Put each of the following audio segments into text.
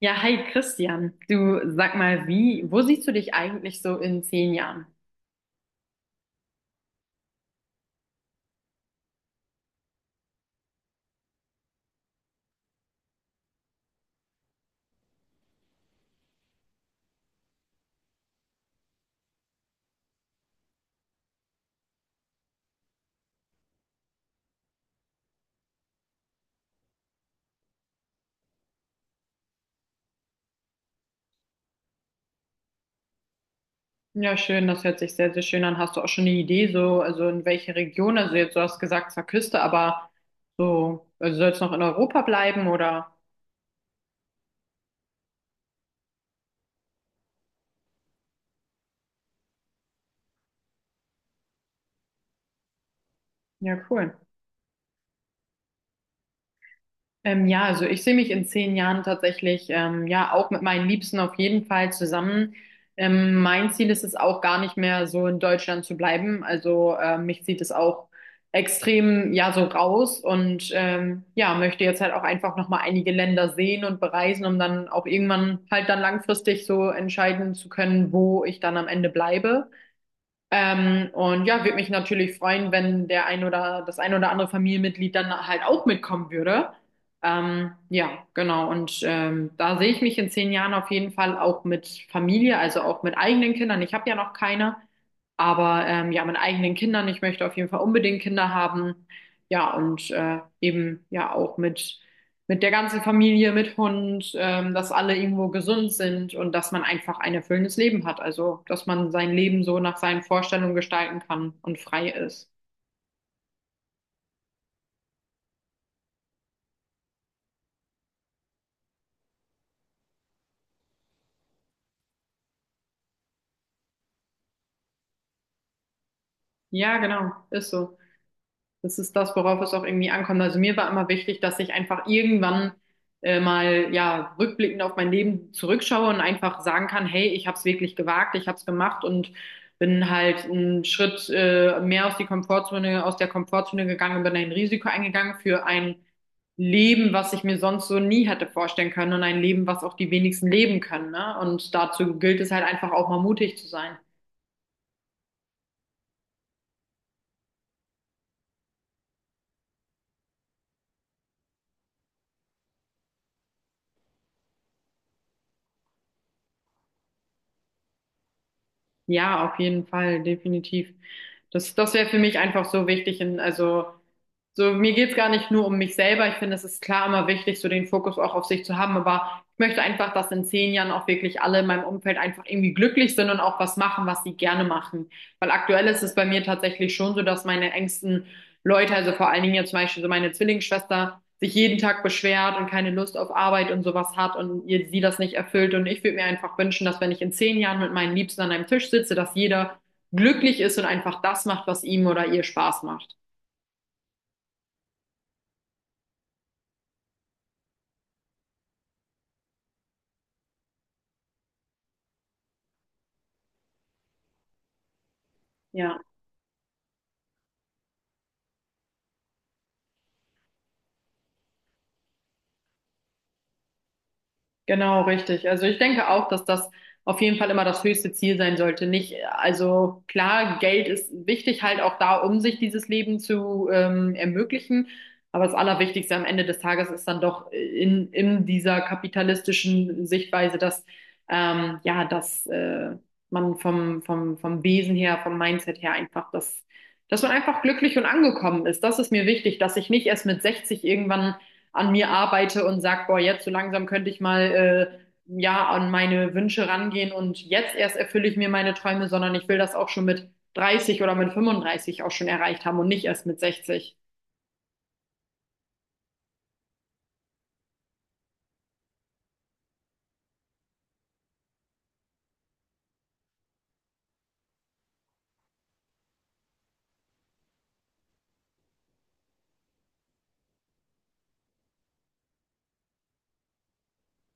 Ja, hi Christian. Du sag mal, wo siehst du dich eigentlich so in 10 Jahren? Ja, schön, das hört sich sehr, sehr schön an. Hast du auch schon eine Idee, so, also in welche Region? Also jetzt, du hast gesagt, zwar Küste, aber so, also soll es noch in Europa bleiben oder? Ja, cool. Ja, also ich sehe mich in 10 Jahren tatsächlich ja auch mit meinen Liebsten auf jeden Fall zusammen. Mein Ziel ist es auch gar nicht mehr so in Deutschland zu bleiben. Also mich zieht es auch extrem ja so raus und ja möchte jetzt halt auch einfach noch mal einige Länder sehen und bereisen, um dann auch irgendwann halt dann langfristig so entscheiden zu können, wo ich dann am Ende bleibe. Und ja, würde mich natürlich freuen, wenn der ein oder das ein oder andere Familienmitglied dann halt auch mitkommen würde. Ja, genau. Und da sehe ich mich in 10 Jahren auf jeden Fall auch mit Familie, also auch mit eigenen Kindern. Ich habe ja noch keine, aber ja, mit eigenen Kindern. Ich möchte auf jeden Fall unbedingt Kinder haben. Ja, und eben ja auch mit der ganzen Familie, mit Hund, dass alle irgendwo gesund sind und dass man einfach ein erfüllendes Leben hat. Also, dass man sein Leben so nach seinen Vorstellungen gestalten kann und frei ist. Ja, genau, ist so. Das ist das, worauf es auch irgendwie ankommt. Also mir war immer wichtig, dass ich einfach irgendwann mal ja rückblickend auf mein Leben zurückschaue und einfach sagen kann, hey, ich habe es wirklich gewagt, ich habe es gemacht und bin halt einen Schritt mehr aus aus der Komfortzone gegangen und bin ein Risiko eingegangen für ein Leben, was ich mir sonst so nie hätte vorstellen können und ein Leben, was auch die wenigsten leben können, ne? Und dazu gilt es halt einfach auch mal mutig zu sein. Ja, auf jeden Fall, definitiv. Das wäre für mich einfach so wichtig. Also so, mir geht's gar nicht nur um mich selber. Ich finde, es ist klar immer wichtig, so den Fokus auch auf sich zu haben. Aber ich möchte einfach, dass in 10 Jahren auch wirklich alle in meinem Umfeld einfach irgendwie glücklich sind und auch was machen, was sie gerne machen. Weil aktuell ist es bei mir tatsächlich schon so, dass meine engsten Leute, also vor allen Dingen jetzt zum Beispiel so meine Zwillingsschwester, sich jeden Tag beschwert und keine Lust auf Arbeit und sowas hat und sie das nicht erfüllt. Und ich würde mir einfach wünschen, dass wenn ich in 10 Jahren mit meinen Liebsten an einem Tisch sitze, dass jeder glücklich ist und einfach das macht, was ihm oder ihr Spaß macht. Ja. Genau, richtig. Also ich denke auch, dass das auf jeden Fall immer das höchste Ziel sein sollte. Nicht, also klar, Geld ist wichtig halt auch da, um sich dieses Leben zu ermöglichen. Aber das Allerwichtigste am Ende des Tages ist dann doch in dieser kapitalistischen Sichtweise, dass ja, dass man vom Wesen her, vom Mindset her einfach dass man einfach glücklich und angekommen ist. Das ist mir wichtig, dass ich nicht erst mit 60 irgendwann an mir arbeite und sage, boah, jetzt so langsam könnte ich mal ja an meine Wünsche rangehen und jetzt erst erfülle ich mir meine Träume, sondern ich will das auch schon mit 30 oder mit 35 auch schon erreicht haben und nicht erst mit 60.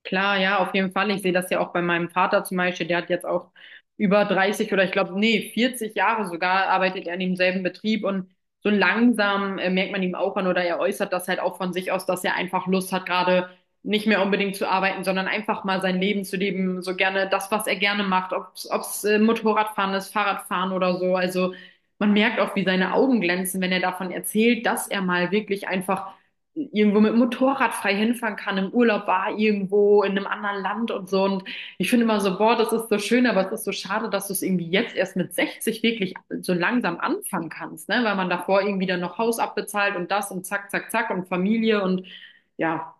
Klar, ja, auf jeden Fall. Ich sehe das ja auch bei meinem Vater zum Beispiel. Der hat jetzt auch über 30 oder ich glaube, nee, 40 Jahre sogar arbeitet er in demselben Betrieb und so langsam merkt man ihm auch an oder er äußert das halt auch von sich aus, dass er einfach Lust hat, gerade nicht mehr unbedingt zu arbeiten, sondern einfach mal sein Leben zu leben, so gerne das, was er gerne macht, ob's, ob's Motorradfahren ist, Fahrradfahren oder so. Also man merkt auch, wie seine Augen glänzen, wenn er davon erzählt, dass er mal wirklich einfach irgendwo mit dem Motorrad frei hinfahren kann, im Urlaub war, irgendwo in einem anderen Land und so. Und ich finde immer so, boah, das ist so schön, aber es ist so schade, dass du es irgendwie jetzt erst mit 60 wirklich so langsam anfangen kannst, ne? Weil man davor irgendwie dann noch Haus abbezahlt und das und zack, zack, zack und Familie und ja.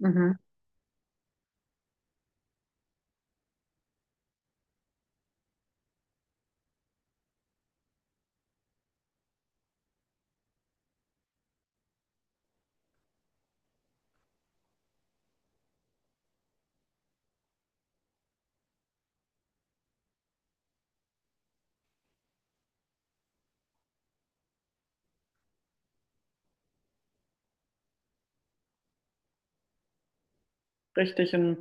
Mhm. Richtig. Und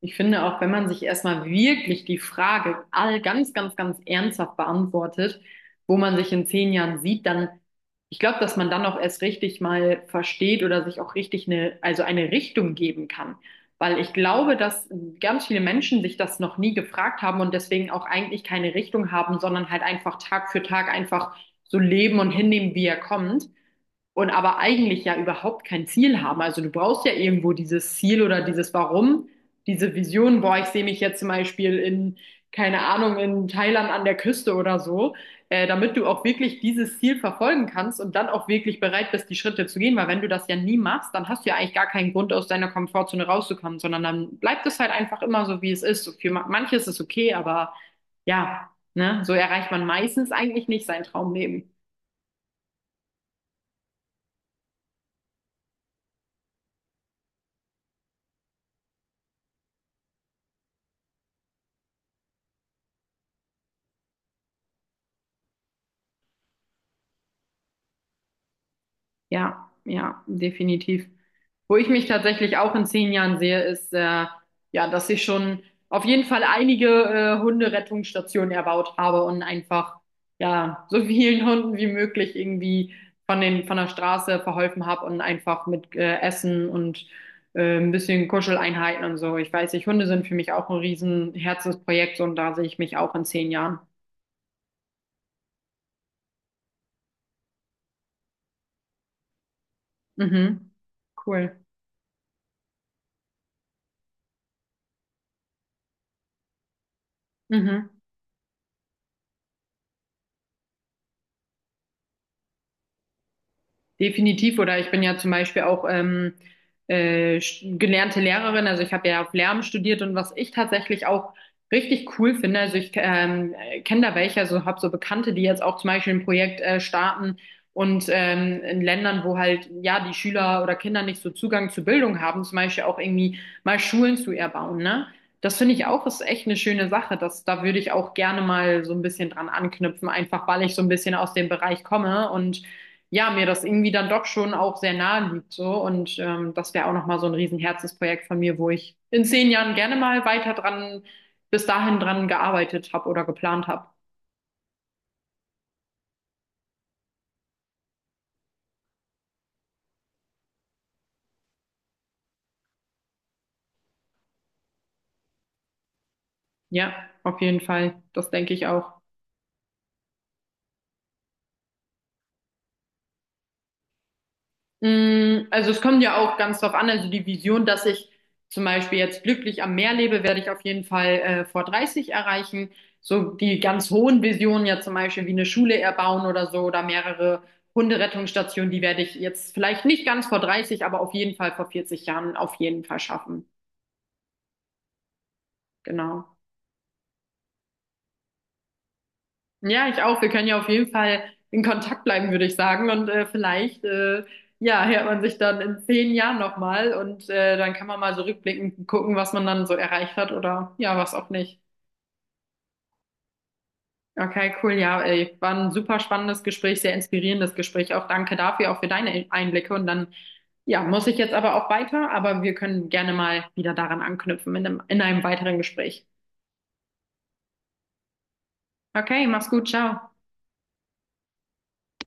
ich finde auch, wenn man sich erstmal wirklich die Frage all ganz ernsthaft beantwortet, wo man sich in 10 Jahren sieht, dann, ich glaube, dass man dann auch erst richtig mal versteht oder sich auch richtig also eine Richtung geben kann. Weil ich glaube, dass ganz viele Menschen sich das noch nie gefragt haben und deswegen auch eigentlich keine Richtung haben, sondern halt einfach Tag für Tag einfach so leben und hinnehmen, wie er kommt und aber eigentlich ja überhaupt kein Ziel haben. Also du brauchst ja irgendwo dieses Ziel oder dieses Warum, diese Vision, boah, ich sehe mich jetzt zum Beispiel keine Ahnung, in Thailand an der Küste oder so, damit du auch wirklich dieses Ziel verfolgen kannst und dann auch wirklich bereit bist, die Schritte zu gehen. Weil wenn du das ja nie machst, dann hast du ja eigentlich gar keinen Grund, aus deiner Komfortzone rauszukommen, sondern dann bleibt es halt einfach immer so, wie es ist. So für manche ist es okay, aber ja, ne, so erreicht man meistens eigentlich nicht sein Traumleben. Ja, ja, definitiv. Wo ich mich tatsächlich auch in 10 Jahren sehe, ist, ja, dass ich schon auf jeden Fall einige Hunderettungsstationen erbaut habe und einfach, ja, so vielen Hunden wie möglich irgendwie von von der Straße verholfen habe und einfach mit Essen und ein bisschen Kuscheleinheiten und so. Ich weiß nicht, Hunde sind für mich auch ein riesen Herzensprojekt und da sehe ich mich auch in zehn Jahren. Mhm. Cool. Mhm. Definitiv, oder ich bin ja zum Beispiel auch gelernte Lehrerin, also ich habe ja auf Lärm studiert und was ich tatsächlich auch richtig cool finde, also ich kenne da welche, also habe so Bekannte, die jetzt auch zum Beispiel ein Projekt starten und in Ländern, wo halt ja die Schüler oder Kinder nicht so Zugang zu Bildung haben, zum Beispiel auch irgendwie mal Schulen zu erbauen, ne? Das finde ich auch, ist echt eine schöne Sache. Da würde ich auch gerne mal so ein bisschen dran anknüpfen, einfach weil ich so ein bisschen aus dem Bereich komme und ja, mir das irgendwie dann doch schon auch sehr nahe liegt so und das wäre auch nochmal so ein riesen Herzensprojekt von mir, wo ich in 10 Jahren gerne mal weiter bis dahin dran gearbeitet habe oder geplant habe. Ja, auf jeden Fall. Das denke ich auch. Mm, also es kommt ja auch ganz drauf an, also die Vision, dass ich zum Beispiel jetzt glücklich am Meer lebe, werde ich auf jeden Fall vor 30 erreichen. So die ganz hohen Visionen, ja zum Beispiel wie eine Schule erbauen oder so oder mehrere Hunderettungsstationen, die werde ich jetzt vielleicht nicht ganz vor 30, aber auf jeden Fall vor 40 Jahren auf jeden Fall schaffen. Genau. Ja, ich auch. Wir können ja auf jeden Fall in Kontakt bleiben, würde ich sagen. Und ja, hört man sich dann in 10 Jahren nochmal und dann kann man mal so rückblickend gucken, was man dann so erreicht hat oder ja, was auch nicht. Okay, cool. Ja, ey, war ein super spannendes Gespräch, sehr inspirierendes Gespräch. Auch danke dafür, auch für deine Einblicke. Und dann, ja, muss ich jetzt aber auch weiter, aber wir können gerne mal wieder daran anknüpfen in in einem weiteren Gespräch. Okay, mach's gut, ciao.